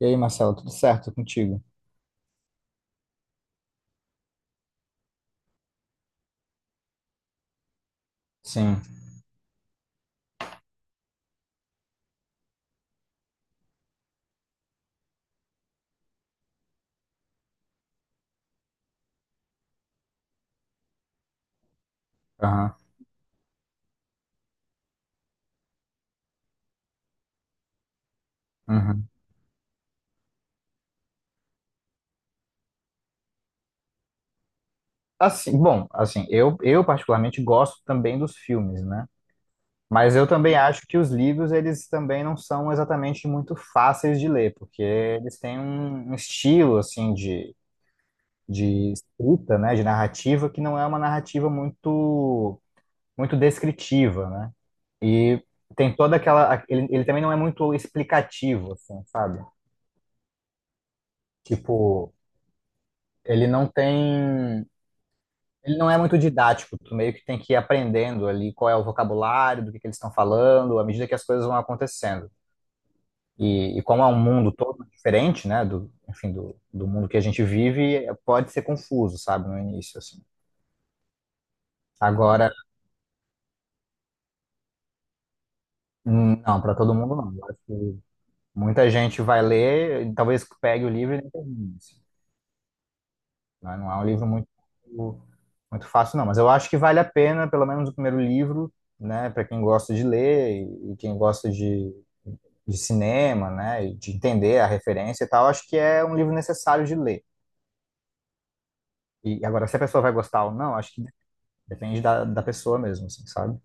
E aí, Marcelo, tudo certo contigo? Sim. Aham. Uhum. Assim, bom, assim, eu particularmente gosto também dos filmes, né? Mas eu também acho que os livros, eles também não são exatamente muito fáceis de ler, porque eles têm um estilo, assim, de escrita, né? De narrativa, que não é uma narrativa muito, muito descritiva, né? E tem toda aquela. Ele também não é muito explicativo, assim, sabe? Tipo, ele não tem. Ele não é muito didático, tu meio que tem que ir aprendendo ali qual é o vocabulário, do que eles estão falando, à medida que as coisas vão acontecendo. E como é um mundo todo diferente, né, do, enfim, do mundo que a gente vive, pode ser confuso, sabe, no início, assim. Agora, não, para todo mundo não. Eu acho que muita gente vai ler, e talvez pegue o livro e nem termine, assim, né? Não é um livro muito, muito fácil, não. Mas eu acho que vale a pena, pelo menos o primeiro livro, né, para quem gosta de ler e quem gosta de cinema, né, e de entender a referência e tal, acho que é um livro necessário de ler. E agora, se a pessoa vai gostar ou não, acho que depende da pessoa mesmo, assim, sabe?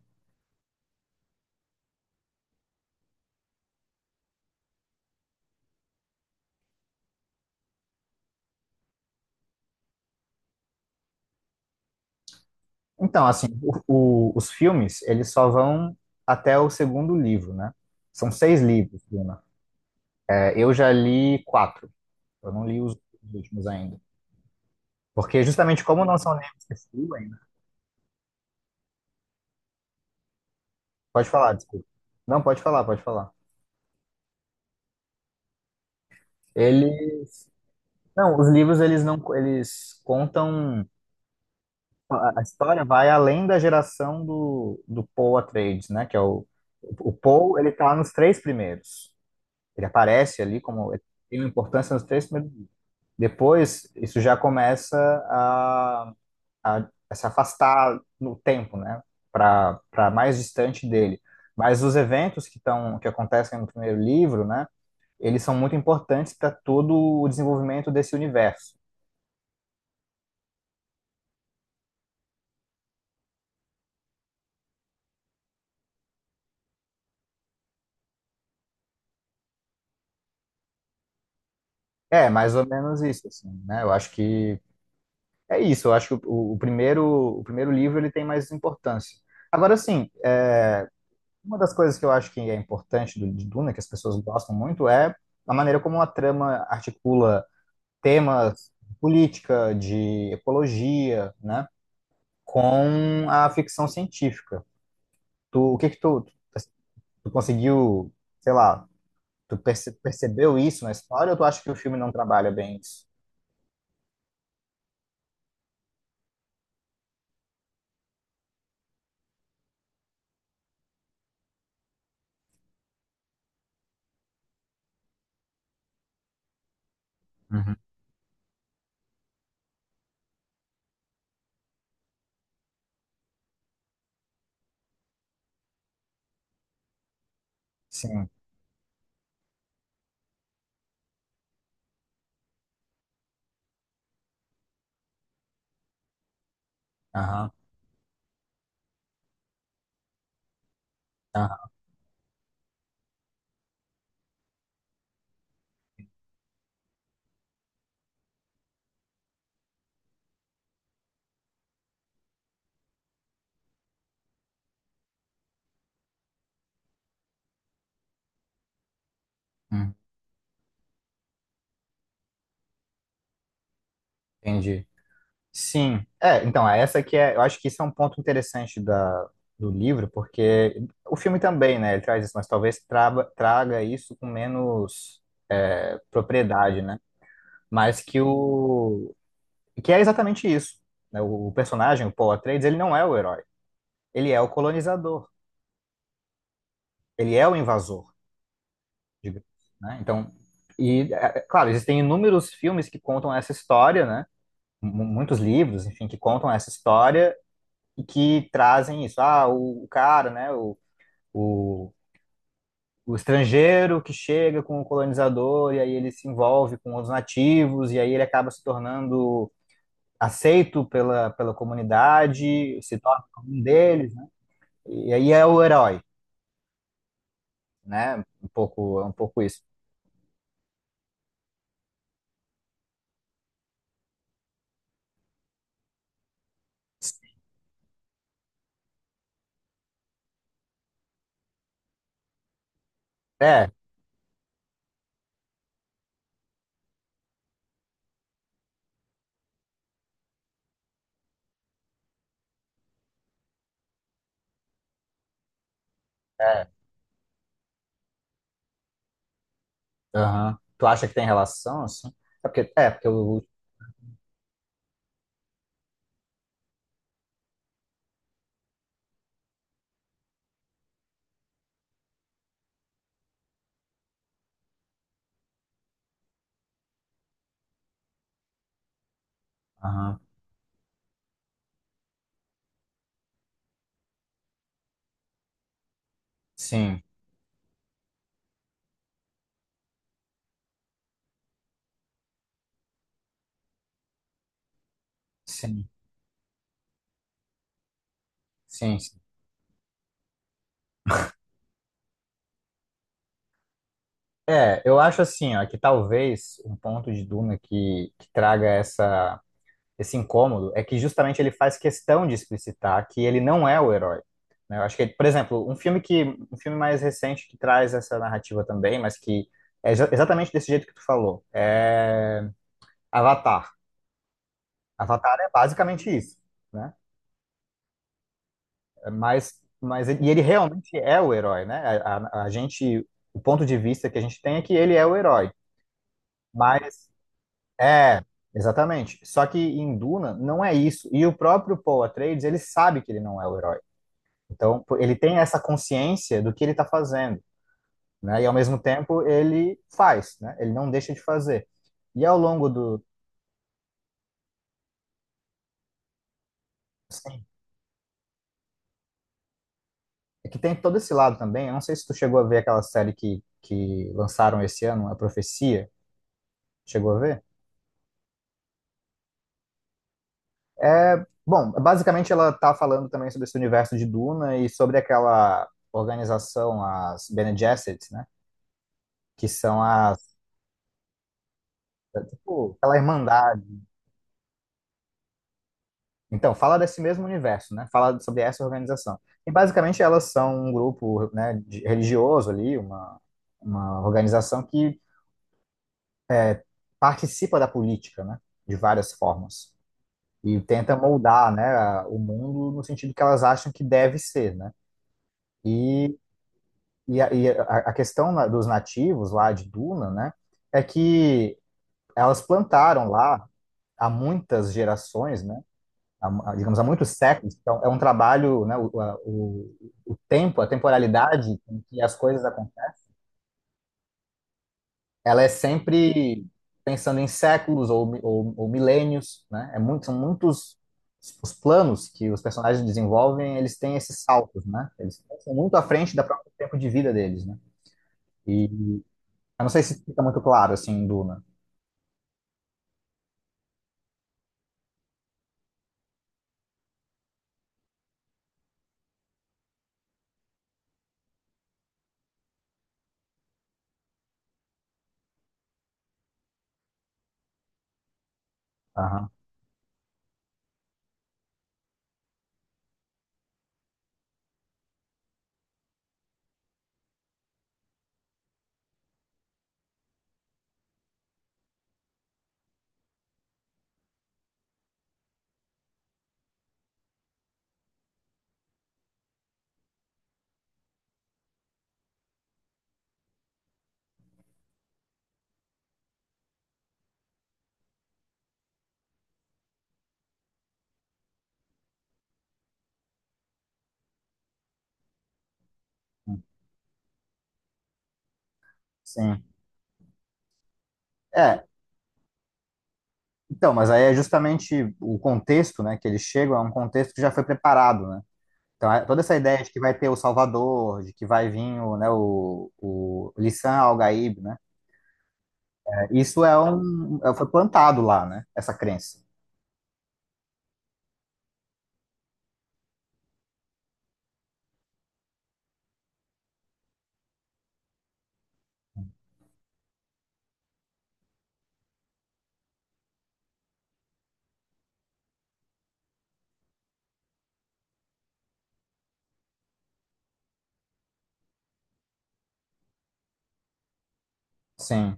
Então, assim, os filmes, eles só vão até o segundo livro, né? São seis livros, Bruna. É, eu já li quatro, eu não li os últimos ainda. Porque justamente como não são livros que fluem, né? Pode falar, desculpa. Não, pode falar, pode falar. Ele, não, os livros, eles não, eles contam. A história vai além da geração do Paul Atreides, né? Que é o Paul, ele tá nos três primeiros. Ele aparece ali como ele tem uma importância nos três primeiros livros. Depois, isso já começa a, a se afastar no tempo, né? Para mais distante dele. Mas os eventos que acontecem no primeiro livro, né? Eles são muito importantes para todo o desenvolvimento desse universo. É, mais ou menos isso, assim, né? Eu acho que é isso, eu acho que o primeiro livro ele tem mais importância. Agora, assim, uma das coisas que eu acho que é importante do, de Duna, que as pessoas gostam muito, é a maneira como a trama articula temas de política, de ecologia, né, com a ficção científica. O que que tu conseguiu, sei lá, tu percebeu isso na história ou tu acha que o filme não trabalha bem isso? Uhum. Sim, aham, aham, hum, entendi. Sim, é, então, é essa que é, eu acho que isso é um ponto interessante do livro, porque o filme também, né, ele traz isso, mas talvez traga isso com menos propriedade, né, mas que que é exatamente isso, né, o personagem, o Paul Atreides, ele não é o herói, ele é o colonizador, ele é o invasor, digamos, né, então, e, é claro, existem inúmeros filmes que contam essa história, né, muitos livros, enfim, que contam essa história, e que trazem isso. Ah, o cara, né? O, o estrangeiro que chega com o colonizador e aí ele se envolve com os nativos e aí ele acaba se tornando aceito pela comunidade, se torna um deles, né? E aí é o herói, né? Um pouco, é um pouco isso. É, é. Aham. Tu acha que tem relação, assim? É porque, porque o... Aham. Sim, sim, sim, sim. É, eu acho assim, ó, que talvez um ponto de Duna que traga esse incômodo é que justamente ele faz questão de explicitar que ele não é o herói. Né? Eu acho que, por exemplo, um filme mais recente que traz essa narrativa também, mas que é exatamente desse jeito que tu falou, é Avatar. Avatar é basicamente isso, né? É. Mas e ele realmente é o herói, né? A gente, o ponto de vista que a gente tem é que ele é o herói. mas É, exatamente. Só que em Duna não é isso. E o próprio Paul Atreides, ele sabe que ele não é o herói. Então, pô, ele tem essa consciência do que ele está fazendo, né? E ao mesmo tempo ele faz, né? Ele não deixa de fazer. E ao longo do, assim, é que tem todo esse lado também. Eu não sei se tu chegou a ver aquela série que lançaram esse ano, A Profecia. Chegou a ver? É, bom, basicamente ela tá falando também sobre esse universo de Duna e sobre aquela organização, as Bene Gesserit, né? Que são as, tipo, aquela Irmandade. Então, fala desse mesmo universo, né? Fala sobre essa organização. E basicamente elas são um grupo, né, religioso ali, uma organização que participa da política, né? De várias formas. E tenta moldar, né, o mundo no sentido que elas acham que deve ser, né? E, e, a, e a a questão dos nativos lá de Duna, né? É que elas plantaram lá há muitas gerações, né? Há, digamos, há muitos séculos. Então, é um trabalho, né, o tempo, a temporalidade em que as coisas acontecem, ela é sempre pensando em séculos ou, ou milênios, né? São muitos os planos que os personagens desenvolvem, eles têm esses saltos, né? Eles são muito à frente do próprio tempo de vida deles, né? E eu não sei se fica muito claro, assim, em Duna. Aham, sim. É, então, mas aí é justamente o contexto, né, que eles chegam, é um contexto que já foi preparado, né? Então, toda essa ideia de que vai ter o Salvador, de que vai vir o, né, o Lissan Al-Gaib, né? É. Isso foi plantado lá, né? Essa crença. Sim.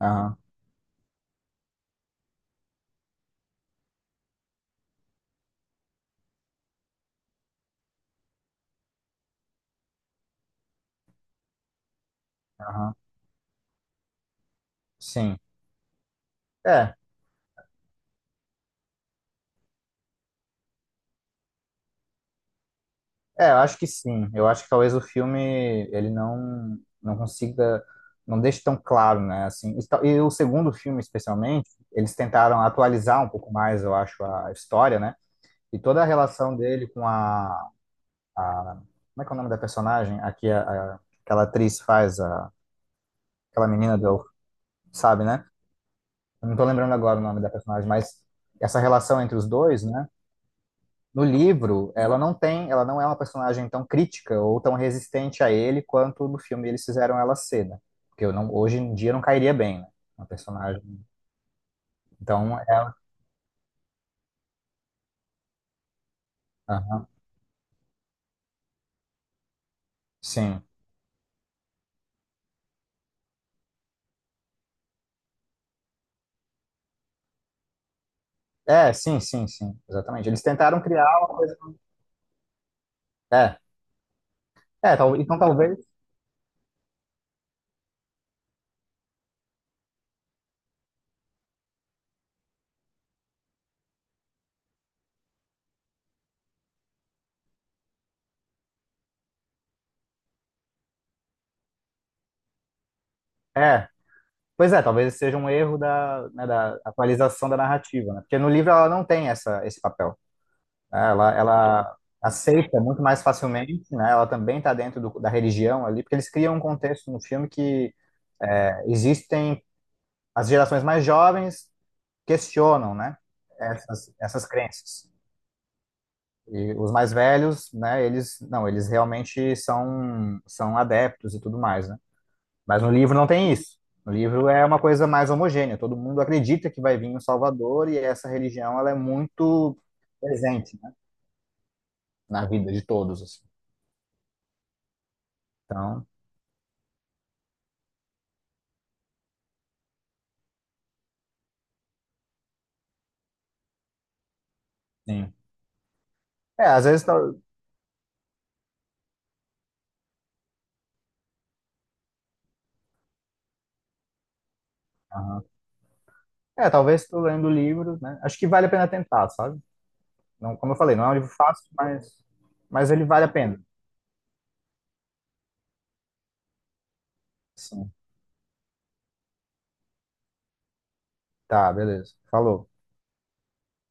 Aham, aham, sim. É, eu acho que sim. Eu acho que talvez o filme ele não consiga, não deixe tão claro, né? Assim, e o segundo filme especialmente, eles tentaram atualizar um pouco mais, eu acho, a história, né? E toda a relação dele Como é que é o nome da personagem? Aqui, aquela atriz faz, aquela menina do. Sabe, né? Eu não tô lembrando agora o nome da personagem, mas essa relação entre os dois, né? No livro, ela não tem, ela não é uma personagem tão crítica ou tão resistente a ele quanto no filme eles fizeram ela ser, né? Porque eu não, hoje em dia não cairia bem, né? Uma personagem. Então, ela. Aham, sim. É, sim, sim, sim. Exatamente. Eles tentaram criar uma coisa. É, é, então talvez. É. Pois é, talvez esse seja um erro da, né, da atualização da narrativa, né? Porque no livro ela não tem esse papel. Né? Ela aceita muito mais facilmente, né? Ela também está dentro da religião ali, porque eles criam um contexto no filme que existem as gerações mais jovens questionam, né? Essas crenças. E os mais velhos, né? Eles não, eles realmente são adeptos e tudo mais, né? Mas no livro não tem isso. No livro é uma coisa mais homogênea. Todo mundo acredita que vai vir um Salvador e essa religião ela é muito presente, né, na vida de todos, assim. Então, sim. É, às vezes, Aham. É, talvez tu lendo o livro, né? Acho que vale a pena tentar, sabe? Não, como eu falei, não é um livro fácil, mas, ele vale a pena. Sim. Tá, beleza. Falou.